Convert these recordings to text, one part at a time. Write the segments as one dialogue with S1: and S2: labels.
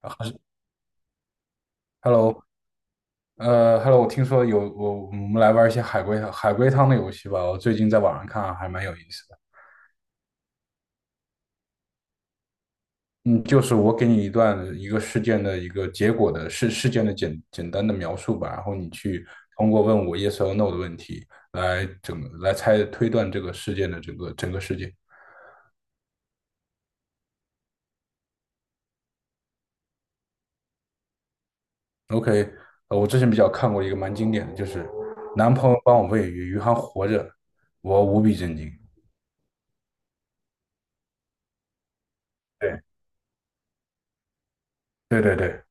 S1: 啊，Hello，我听说我们来玩一些海龟汤的游戏吧。我最近在网上看啊还蛮有意思的。嗯，就是我给你一段一个事件的一个结果的事件的简单的描述吧，然后你去通过问我 yes or no 的问题来猜推断这个事件的整个事件。OK，我之前比较看过一个蛮经典的，就是男朋友帮我喂鱼，鱼还活着，我无比震惊。对。对对对。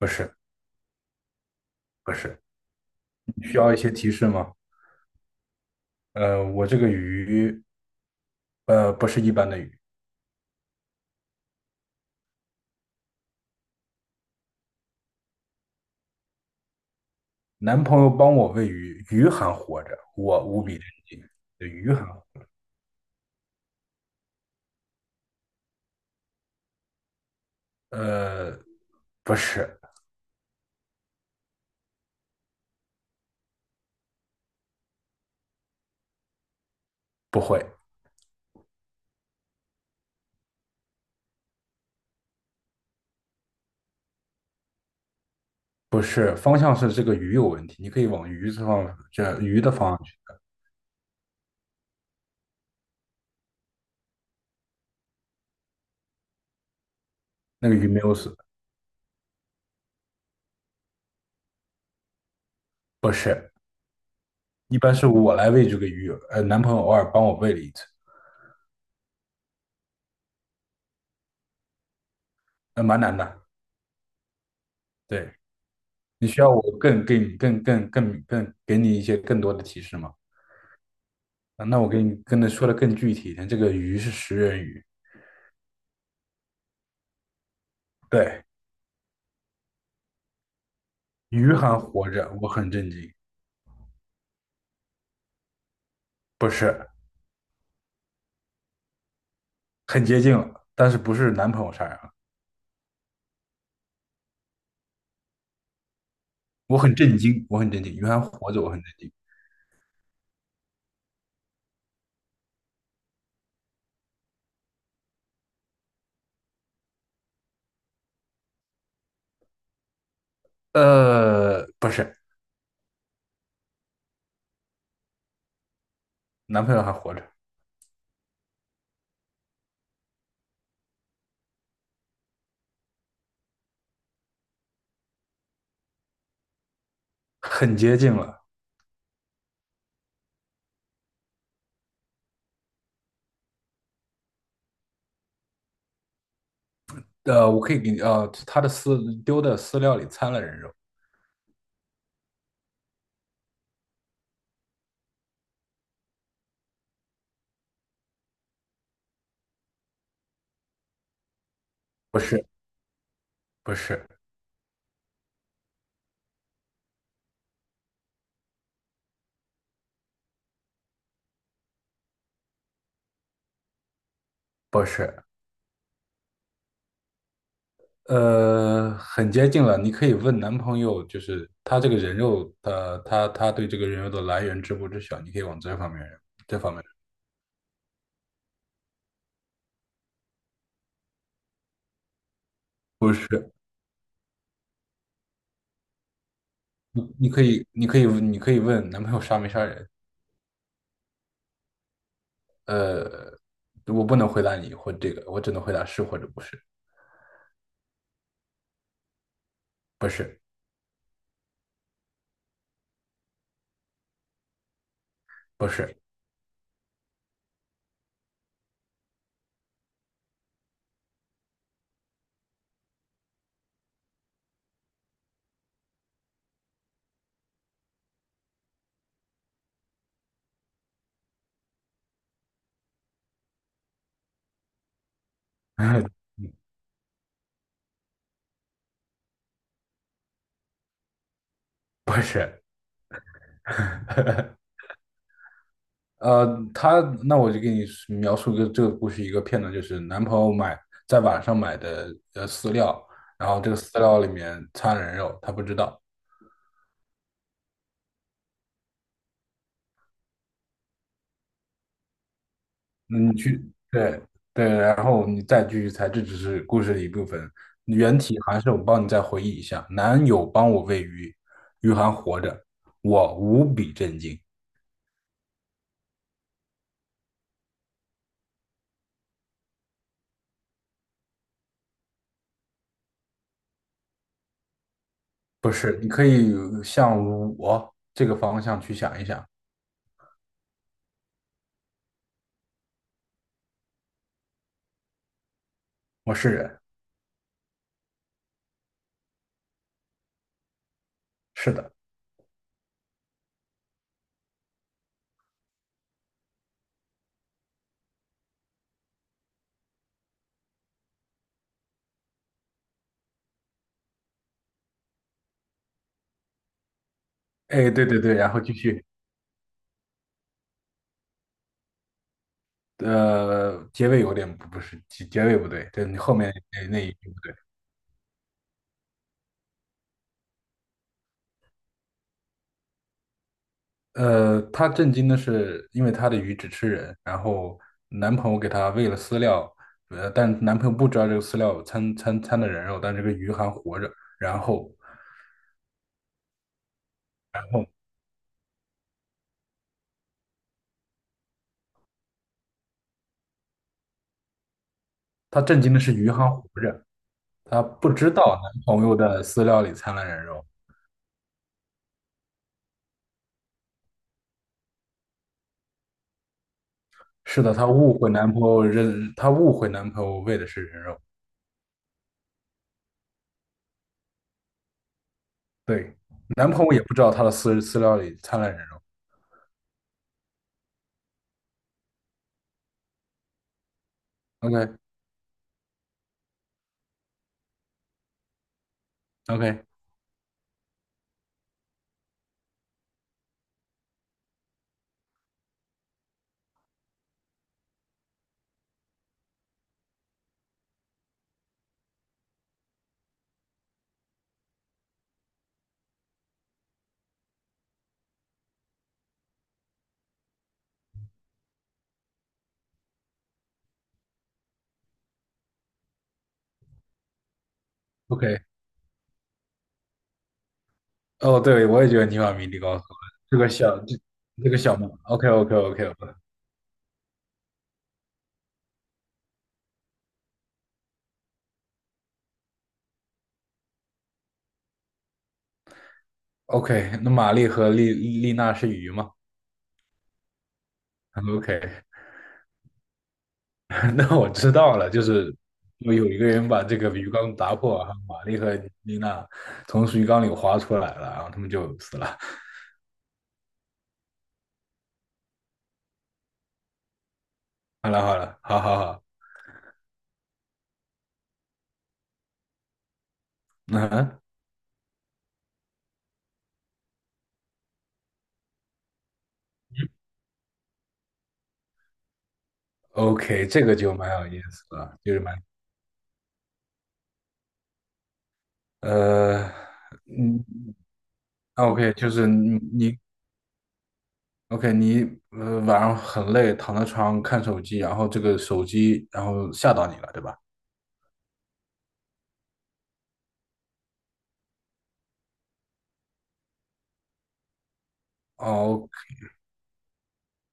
S1: 不是，不是。需要一些提示吗？我这个鱼，不是一般的鱼。男朋友帮我喂鱼，鱼还活着，我无比震惊。对鱼还，呃，不是。不会。不是，方向是这个鱼有问题，你可以往鱼这鱼的方向去。那个鱼没有死。不是。一般是我来喂这个鱼，男朋友偶尔帮我喂了一次。蛮难的。对。你需要我更给你一些更多的提示吗？啊，那我给你跟他说的更具体一点，这个鱼是食人鱼。对。鱼还活着，我很震惊。不是，很接近了，但是不是男朋友杀人了。我很震惊，我很震惊，鱼还活着，我很震惊。不是。男朋友还活着。很接近了。我可以给你。他的丢的饲料里掺了人肉。不是。不是。不是。很接近了。你可以问男朋友，就是他这个人肉，的，他对这个人肉的来源知不知晓？你可以往这方面。不是。你可以问男朋友杀没杀人。呃，我不能回答你或这个，我只能回答是或者不是。不是。不是。不是。呃，那我就给你描述一个这个故事一个片段，就是男朋友在网上买的饲料，然后这个饲料里面掺人肉，他不知道。你去对对，然后你再继续猜，这只是故事的一部分。原题还是我帮你再回忆一下：男友帮我喂鱼，鱼还活着，我无比震惊。不是，你可以向我这个方向去想一想。我是人。是的。哎，对对对，然后继续。结尾有点不不是结结尾不对，对你后面那一句不对。她震惊的是，因为她的鱼只吃人，然后男朋友给她喂了饲料，但男朋友不知道这个饲料掺的人肉，但这个鱼还活着。然后然后她震惊的是鱼还活着，她不知道男朋友的饲料里掺了人肉。是的，她误会男朋友喂的是人肉。对，男朋友也不知道她的饲料里掺了人肉。OK OK。OK，哦，对，我也觉得尼玛米莉高斯这个小这这个小嘛 o k o k o k o k OK，那玛丽和丽娜是鱼吗？OK，那我知道了，就是有一个人把这个鱼缸打破，然后玛丽和丽娜从鱼缸里滑出来了，然后他们就死了。好了好了，好好好，嗯，OK，这个就蛮有意思了，就是蛮呃，嗯，OK，就是你 OK，你晚上很累，躺在床上看手机，然后这个手机然后吓到你了，对吧？哦，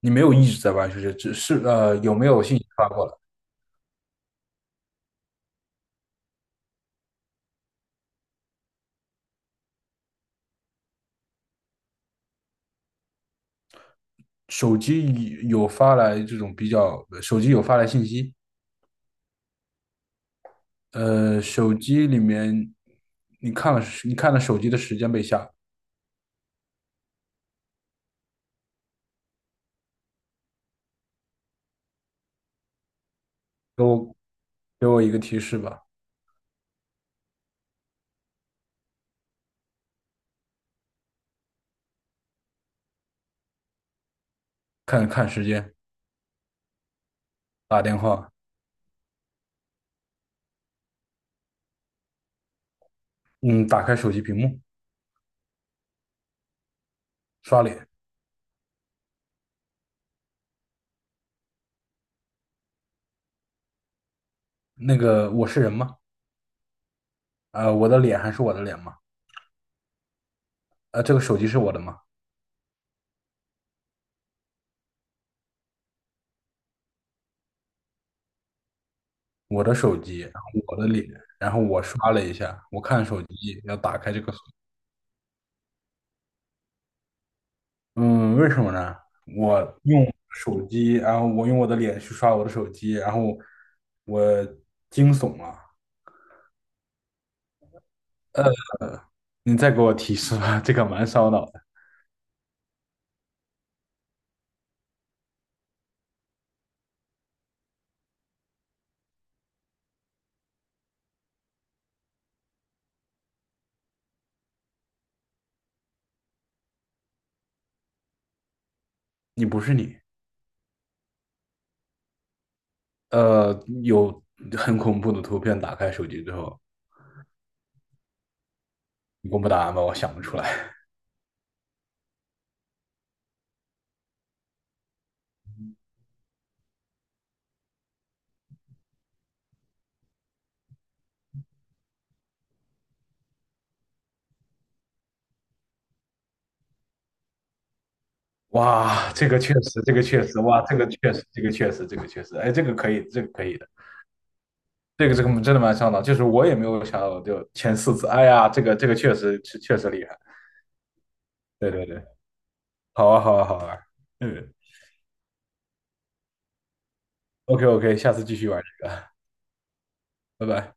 S1: 你没有一直在玩手机，只是有没有信息发过来？手机有发来信息。手机里面你看了手机的时间被吓。给我给我一个提示吧。看看时间。打电话。嗯，打开手机屏幕。刷脸。那个我是人吗？我的脸还是我的脸吗？这个手机是我的吗？我的手机，然后我的脸，然后我刷了一下，我看手机要打开这个锁。嗯，为什么呢？我用手机，然后我用我的脸去刷我的手机，然后我惊悚了。呃，你再给我提示吧，这个蛮烧脑的。你不是你，呃，有很恐怖的图片打开手机之后。你公布答案吧，我想不出来。哇，这个确实，这个确实，哇，这个确实，这个确实，这个确实，哎，这个可以，这个可以的。这个真的蛮上脑，就是我也没有想到，就前4次，哎呀，这个确实确实厉害。对对对。好啊好啊好啊。嗯，OK OK，下次继续玩这个。拜拜。